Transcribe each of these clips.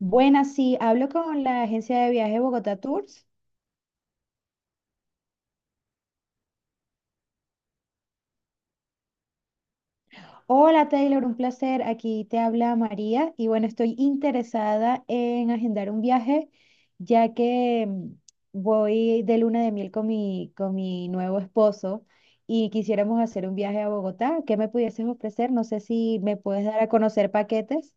Buenas, sí, hablo con la agencia de viaje Bogotá Tours. Hola Taylor, un placer. Aquí te habla María y bueno, estoy interesada en agendar un viaje ya que voy de luna de miel con mi nuevo esposo y quisiéramos hacer un viaje a Bogotá. ¿Qué me pudieses ofrecer? No sé si me puedes dar a conocer paquetes.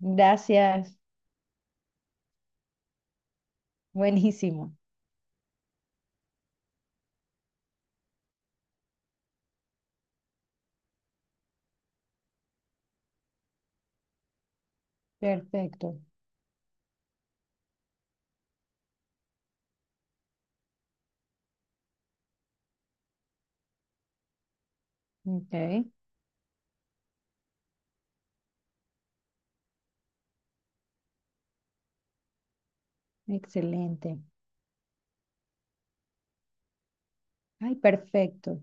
Gracias. Buenísimo. Perfecto. Ok, excelente. Ay, perfecto.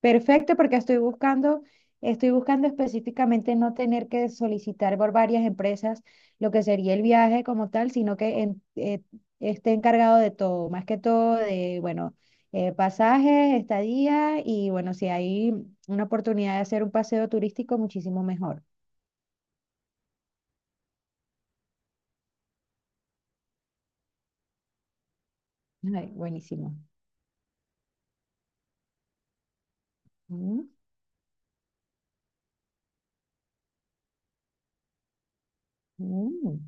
Perfecto, porque estoy buscando específicamente no tener que solicitar por varias empresas lo que sería el viaje como tal, sino que esté encargado de todo, más que todo de, bueno, pasajes, estadía y bueno, si hay una oportunidad de hacer un paseo turístico, muchísimo mejor. Ay, buenísimo. Mm, mm.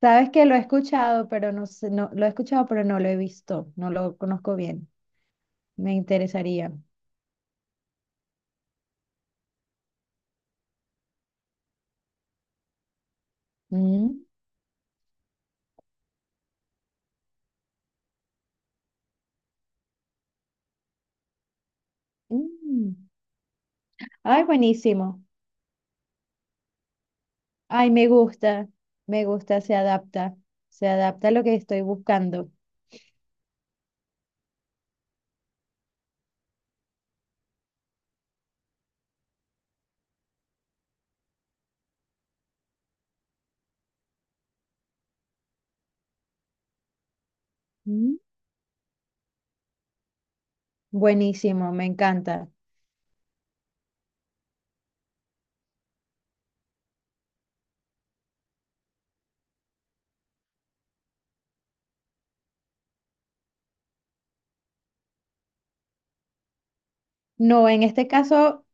Sabes que lo he escuchado, pero no sé, no, lo he escuchado, pero no lo he visto, no lo conozco bien. Me interesaría. Mm, mm. Ay, buenísimo. Ay, me gusta, se adapta a lo que estoy buscando. Mm. Buenísimo, me encanta. No, en este caso,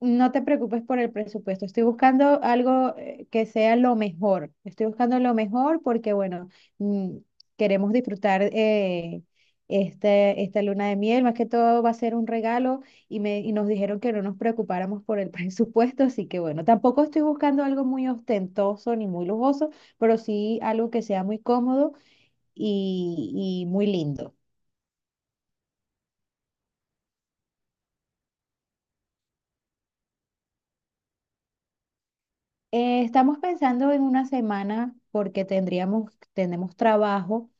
no te preocupes por el presupuesto. Estoy buscando algo que sea lo mejor. Estoy buscando lo mejor porque, bueno, mm, queremos disfrutar esta luna de miel. Más que todo va a ser un regalo y nos dijeron que no nos preocupáramos por el presupuesto. Así que, bueno, tampoco estoy buscando algo muy ostentoso ni muy lujoso, pero sí algo que sea muy cómodo y muy lindo. Estamos pensando en una semana porque tenemos trabajo,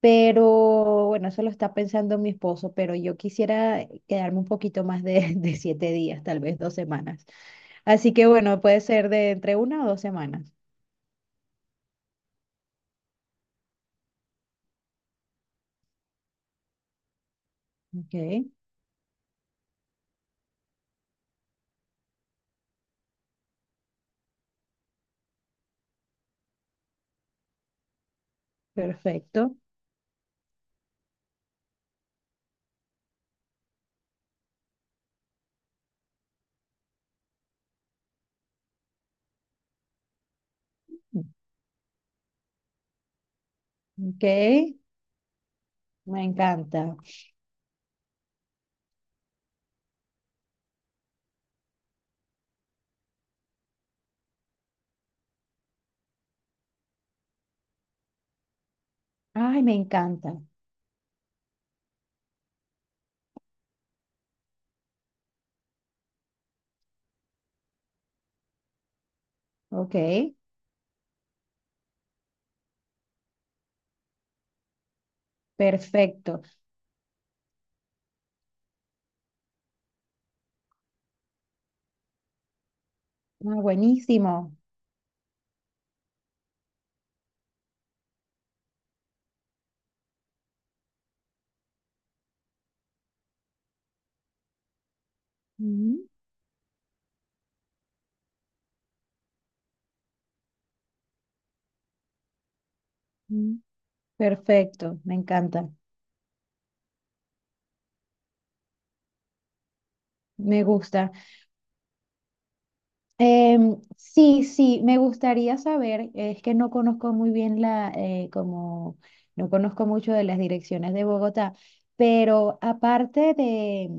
pero bueno, eso lo está pensando mi esposo, pero yo quisiera quedarme un poquito más de 7 días, tal vez 2 semanas. Así que bueno, puede ser de entre una o 2 semanas. Ok, perfecto. Ok, me encanta. Ay, me encanta. Ok, perfecto. Ah, buenísimo. Ujú, ujú. Perfecto, me encanta. Me gusta. Sí, sí, me gustaría saber, es que no conozco muy bien como, no conozco mucho de las direcciones de Bogotá, pero aparte de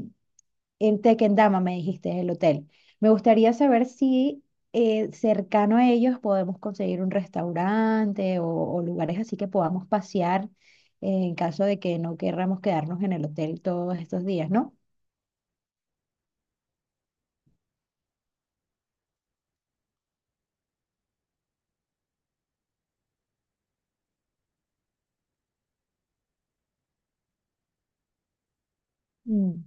en Tequendama, me dijiste, el hotel, me gustaría saber si cercano a ellos podemos conseguir un restaurante o lugares así que podamos pasear en caso de que no querramos quedarnos en el hotel todos estos días, ¿no? Mm.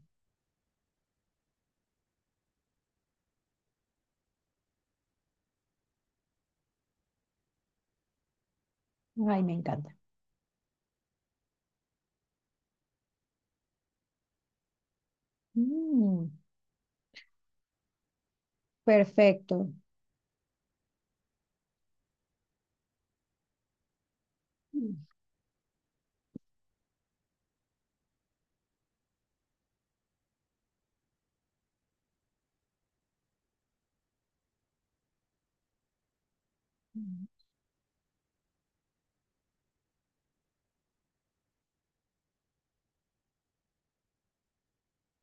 Ay, me encanta. Mm, perfecto. Mm.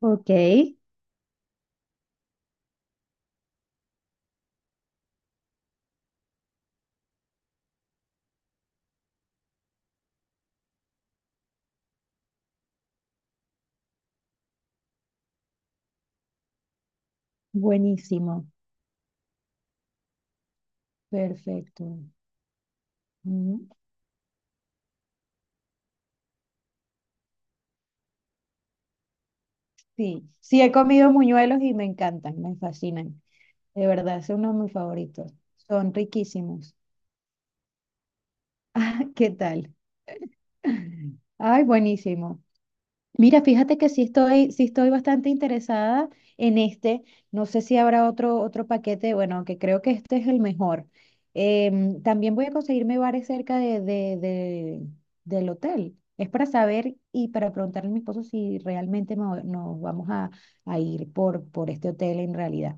Ok, buenísimo, perfecto. Mm. Sí, sí he comido muñuelos y me encantan, me fascinan. De verdad, son uno de mis favoritos. Son riquísimos. Ah, ¿qué tal? Ay, buenísimo. Mira, fíjate que sí estoy bastante interesada en este. No sé si habrá otro paquete, bueno, que creo que este es el mejor. También voy a conseguirme bares cerca de del hotel. Es para saber y para preguntarle a mi esposo si realmente nos vamos a ir por este hotel en realidad.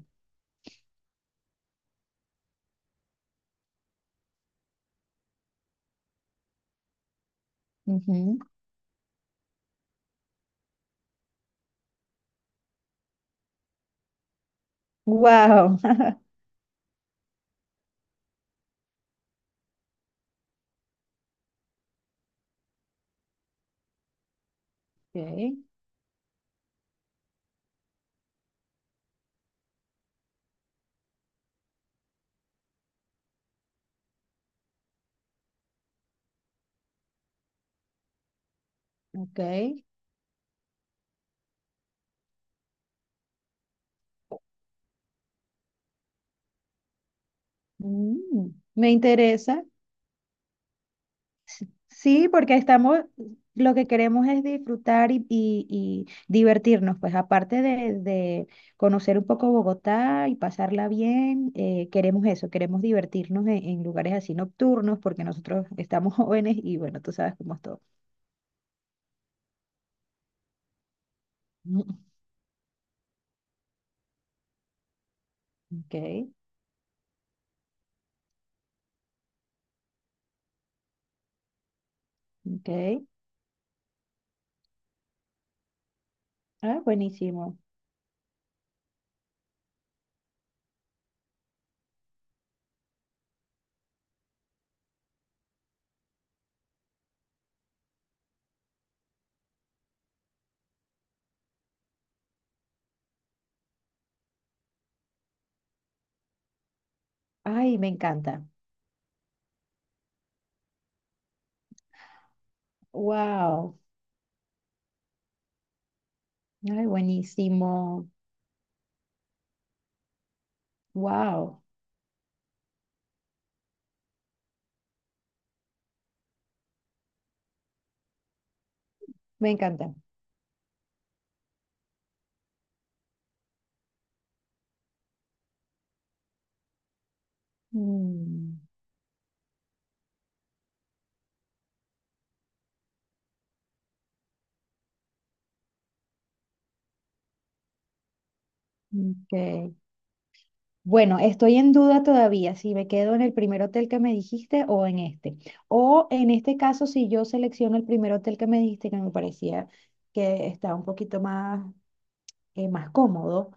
Wow. Ok, ok. Mm, me interesa. S- sí, porque estamos, lo que queremos es disfrutar y divertirnos, pues aparte de conocer un poco Bogotá y pasarla bien, queremos eso, queremos divertirnos en lugares así nocturnos, porque nosotros estamos jóvenes y bueno, tú sabes cómo es todo. Mm. Ok, ok. Ah, buenísimo. Ay, me encanta. Wow. Ay, buenísimo. Wow. Me encanta. Mm, ok. Bueno, estoy en duda todavía si me quedo en el primer hotel que me dijiste o en este. O en este caso, si yo selecciono el primer hotel que me dijiste, que me parecía que está un poquito más, más cómodo,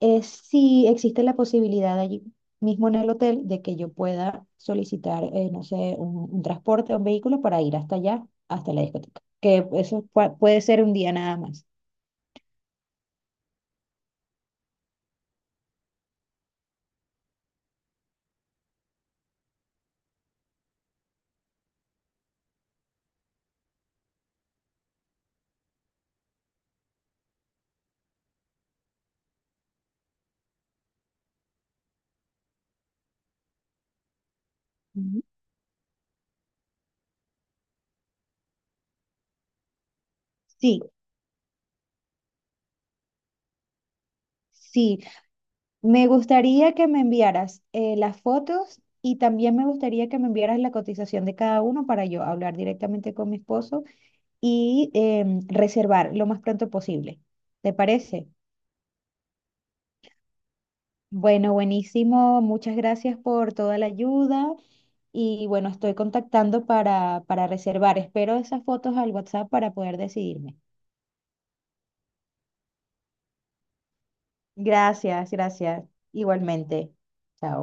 es si existe la posibilidad allí mismo en el hotel de que yo pueda solicitar, no sé, un transporte o un vehículo para ir hasta allá, hasta la discoteca. Que eso puede ser un día nada más. Ujú. Sí, sí, me gustaría que me enviaras las fotos y también me gustaría que me enviaras la cotización de cada uno para yo hablar directamente con mi esposo y reservar lo más pronto posible. ¿Te parece? Bueno, buenísimo. Muchas gracias por toda la ayuda y bueno, estoy contactando para reservar. Espero esas fotos al WhatsApp para poder decidirme. Gracias, gracias. Igualmente. Chao.